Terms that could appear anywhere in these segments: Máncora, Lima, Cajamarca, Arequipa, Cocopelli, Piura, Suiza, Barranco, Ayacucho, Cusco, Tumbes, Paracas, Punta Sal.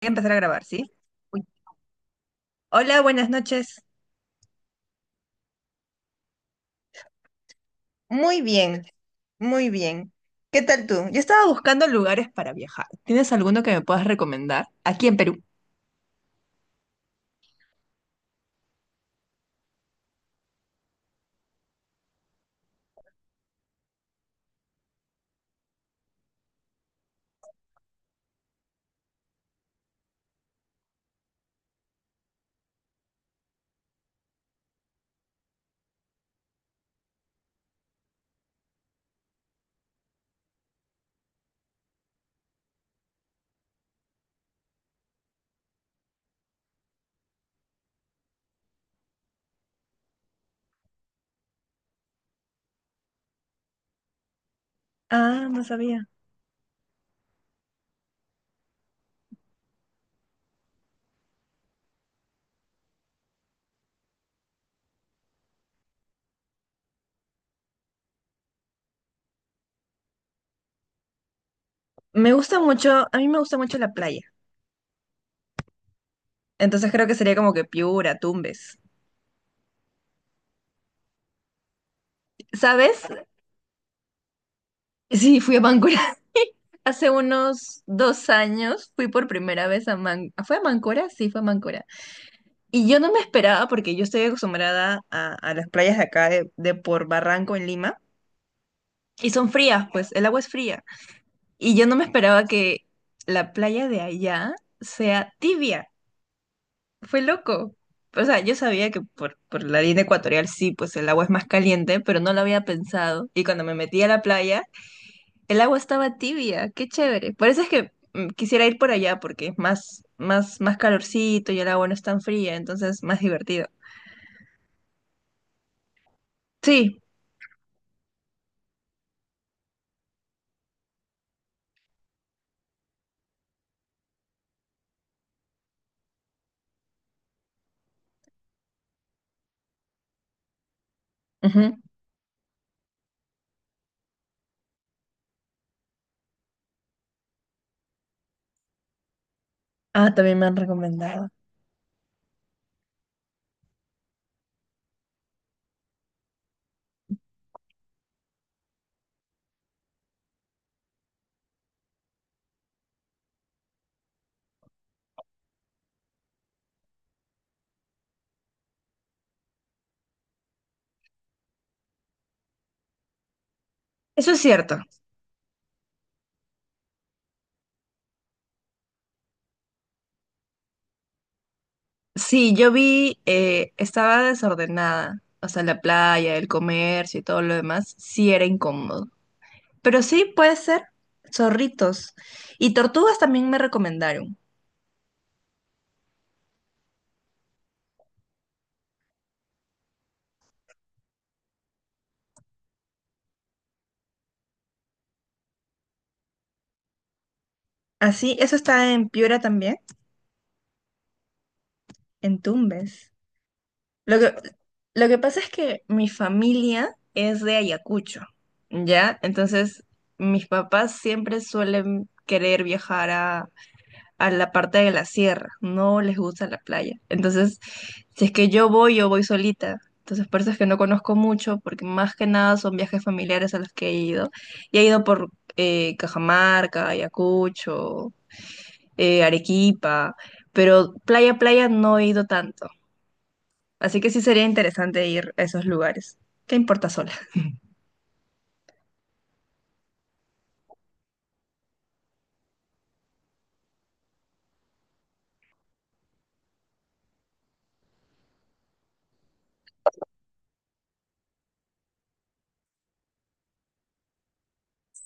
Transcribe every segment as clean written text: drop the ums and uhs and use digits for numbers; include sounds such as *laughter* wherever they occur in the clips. Voy a empezar a grabar, ¿sí? Uy. Hola, buenas noches. Muy bien, muy bien. ¿Qué tal tú? Yo estaba buscando lugares para viajar. ¿Tienes alguno que me puedas recomendar? Aquí en Perú. Ah, no sabía. Me gusta mucho, a mí me gusta mucho la playa. Entonces creo que sería como que Piura, Tumbes. ¿Sabes? Sí, fui a Máncora. *laughs* Hace unos 2 años fui por primera vez a Máncora. ¿Fue a Máncora? Sí, fue a Máncora. Y yo no me esperaba porque yo estoy acostumbrada a las playas de acá de por Barranco en Lima. Y son frías, pues, el agua es fría. Y yo no me esperaba que la playa de allá sea tibia. Fue loco. O sea, yo sabía que por la línea ecuatorial sí, pues el agua es más caliente, pero no lo había pensado. Y cuando me metí a la playa, el agua estaba tibia. Qué chévere. Por eso es que quisiera ir por allá porque es más, más, más calorcito y el agua no es tan fría, entonces más divertido. Sí, ujú. Ah, también me han recomendado. Eso es cierto. Sí, yo vi, estaba desordenada, o sea, la playa, el comercio y todo lo demás, sí era incómodo. Pero sí puede ser zorritos. Y tortugas también me recomendaron. Así, eso está en Piura también, en Tumbes. Lo que, lo que pasa es que mi familia es de Ayacucho, ¿ya? Entonces, mis papás siempre suelen querer viajar a la parte de la sierra, no les gusta la playa. Entonces, si es que yo voy solita. Entonces, por eso es que no conozco mucho, porque más que nada son viajes familiares a los que he ido. Y he ido por Cajamarca, Ayacucho, Arequipa, pero playa, playa no he ido tanto. Así que sí sería interesante ir a esos lugares. ¿Qué importa sola?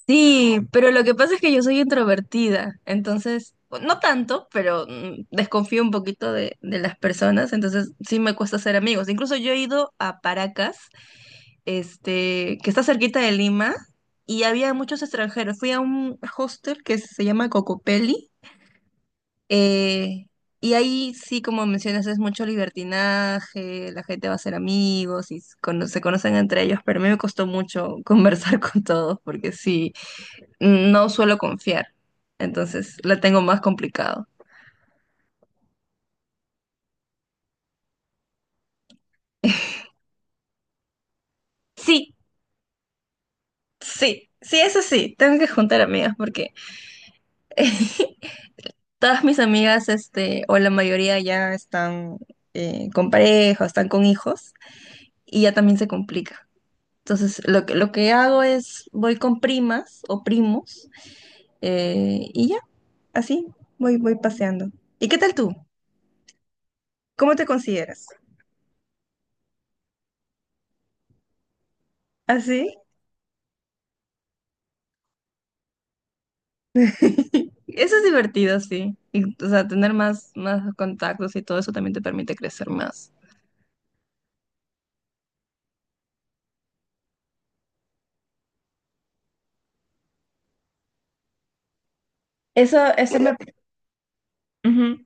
Sí, pero lo que pasa es que yo soy introvertida, entonces, no tanto, pero desconfío un poquito de las personas, entonces sí me cuesta hacer amigos. Incluso yo he ido a Paracas, que está cerquita de Lima, y había muchos extranjeros. Fui a un hostel que se llama Cocopelli, eh, y ahí sí, como mencionas, es mucho libertinaje, la gente va a ser amigos y se conocen entre ellos, pero a mí me costó mucho *laughs* conversar con todos porque sí, no suelo confiar, entonces la tengo más complicado. *laughs* Sí, sí, sí, eso sí, tengo que juntar amigas porque *laughs* todas mis amigas, o la mayoría ya están con pareja, o están con hijos y ya también se complica. Entonces, lo que hago es, voy con primas o primos, y ya, así, voy, voy paseando. ¿Y qué tal tú? ¿Cómo te consideras? ¿Así? *laughs* Eso es divertido, sí. Y, o sea, tener más, más contactos y todo eso también te permite crecer más. Eso me... Ujú.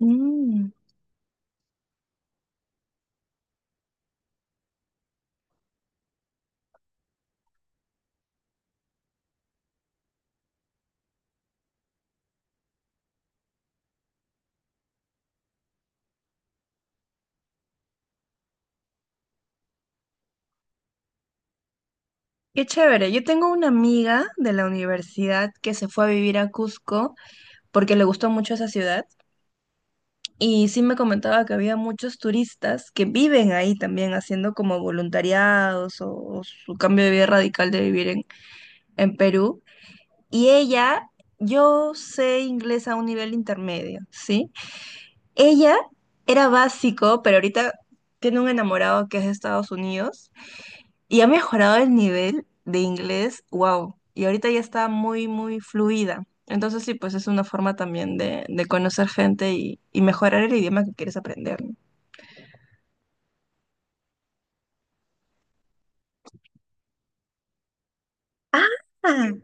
Mm, qué chévere. Yo tengo una amiga de la universidad que se fue a vivir a Cusco porque le gustó mucho esa ciudad. Y sí me comentaba que había muchos turistas que viven ahí también haciendo como voluntariados o su cambio de vida radical de vivir en Perú. Y ella, yo sé inglés a un nivel intermedio, ¿sí? Ella era básico, pero ahorita tiene un enamorado que es de Estados Unidos y ha mejorado el nivel de inglés, wow. Y ahorita ya está muy, muy fluida. Entonces sí, pues es una forma también de conocer gente y mejorar el idioma que quieres aprender, ¿no?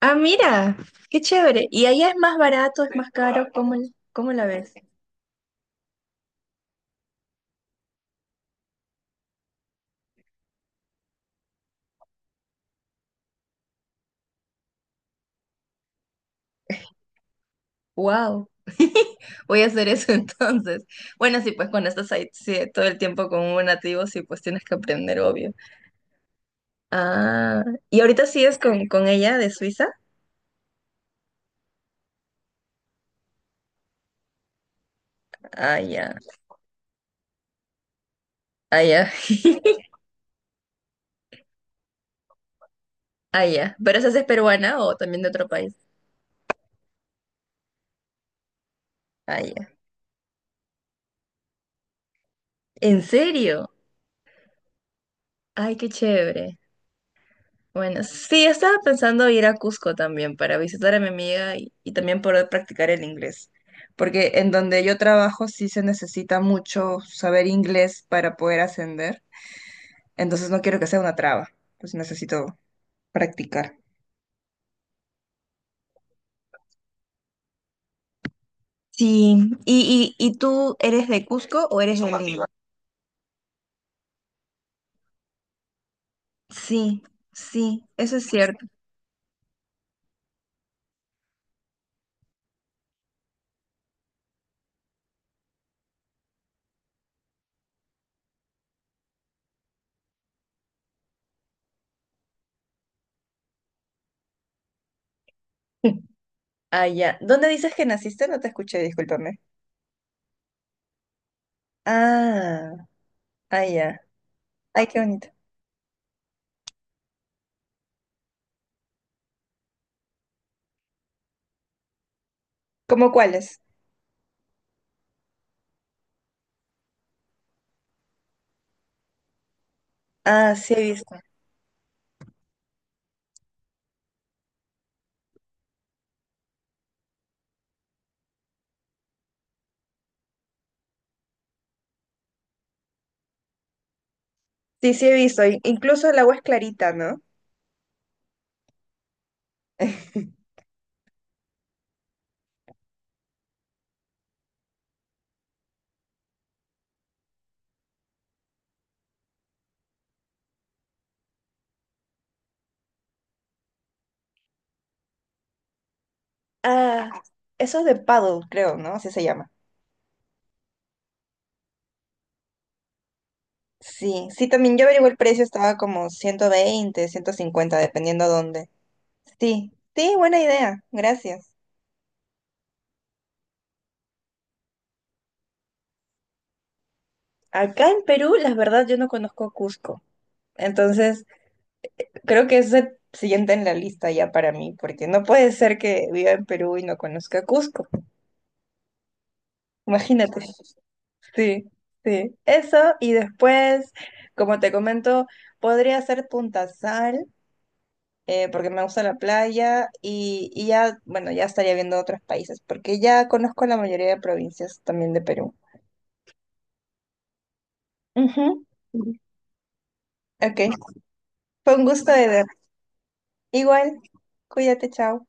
Ah, mira, qué chévere. ¿Y allá es más barato, es más caro? ¿Cómo, l- cómo la ves? Wow. *laughs* Voy a hacer eso *laughs* entonces. Bueno, sí, pues cuando estás ahí sí, todo el tiempo con un nativo, sí, pues tienes que aprender, obvio. Ah, ¿y ahorita sigues con ella de Suiza? Ah, ya, ah, ya, ah, ya. ¿Pero esa sí es peruana o también de otro país? Ah, ya. ¿En serio? Ay, qué chévere. Bueno, sí, estaba pensando ir a Cusco también para visitar a mi amiga y también poder practicar el inglés, porque en donde yo trabajo sí se necesita mucho saber inglés para poder ascender, entonces no quiero que sea una traba, pues necesito practicar. Sí. Y tú eres de Cusco o eres de Somos Lima? Sí, sí, eso es cierto. *laughs* Ah, ya. ¿Dónde dices que naciste? No te escuché, discúlpame. Ah, ah, ya. Ay, qué bonito. ¿Cómo cuáles? Ah, sí, he visto. Sí, sí he visto. Incluso el agua es clarita, ¿no? *laughs* Ah, eso es de paddle, creo, ¿no? Así se llama. Sí, sí, también yo averigué el precio, estaba como 120, 150, dependiendo dónde. Sí, sí, buena idea, gracias. Acá en Perú, la verdad, yo no conozco Cusco. Entonces, creo que es el siguiente en la lista ya para mí, porque no puede ser que viva en Perú y no conozca Cusco. Imagínate. Sí, sí. Eso, y después, como te comento, podría ser Punta Sal, porque me gusta la playa, y ya, bueno, ya estaría viendo otros países, porque ya conozco la mayoría de provincias también de Perú. Ujú. Ok, fue un gusto, de ver. Igual, cuídate, chao.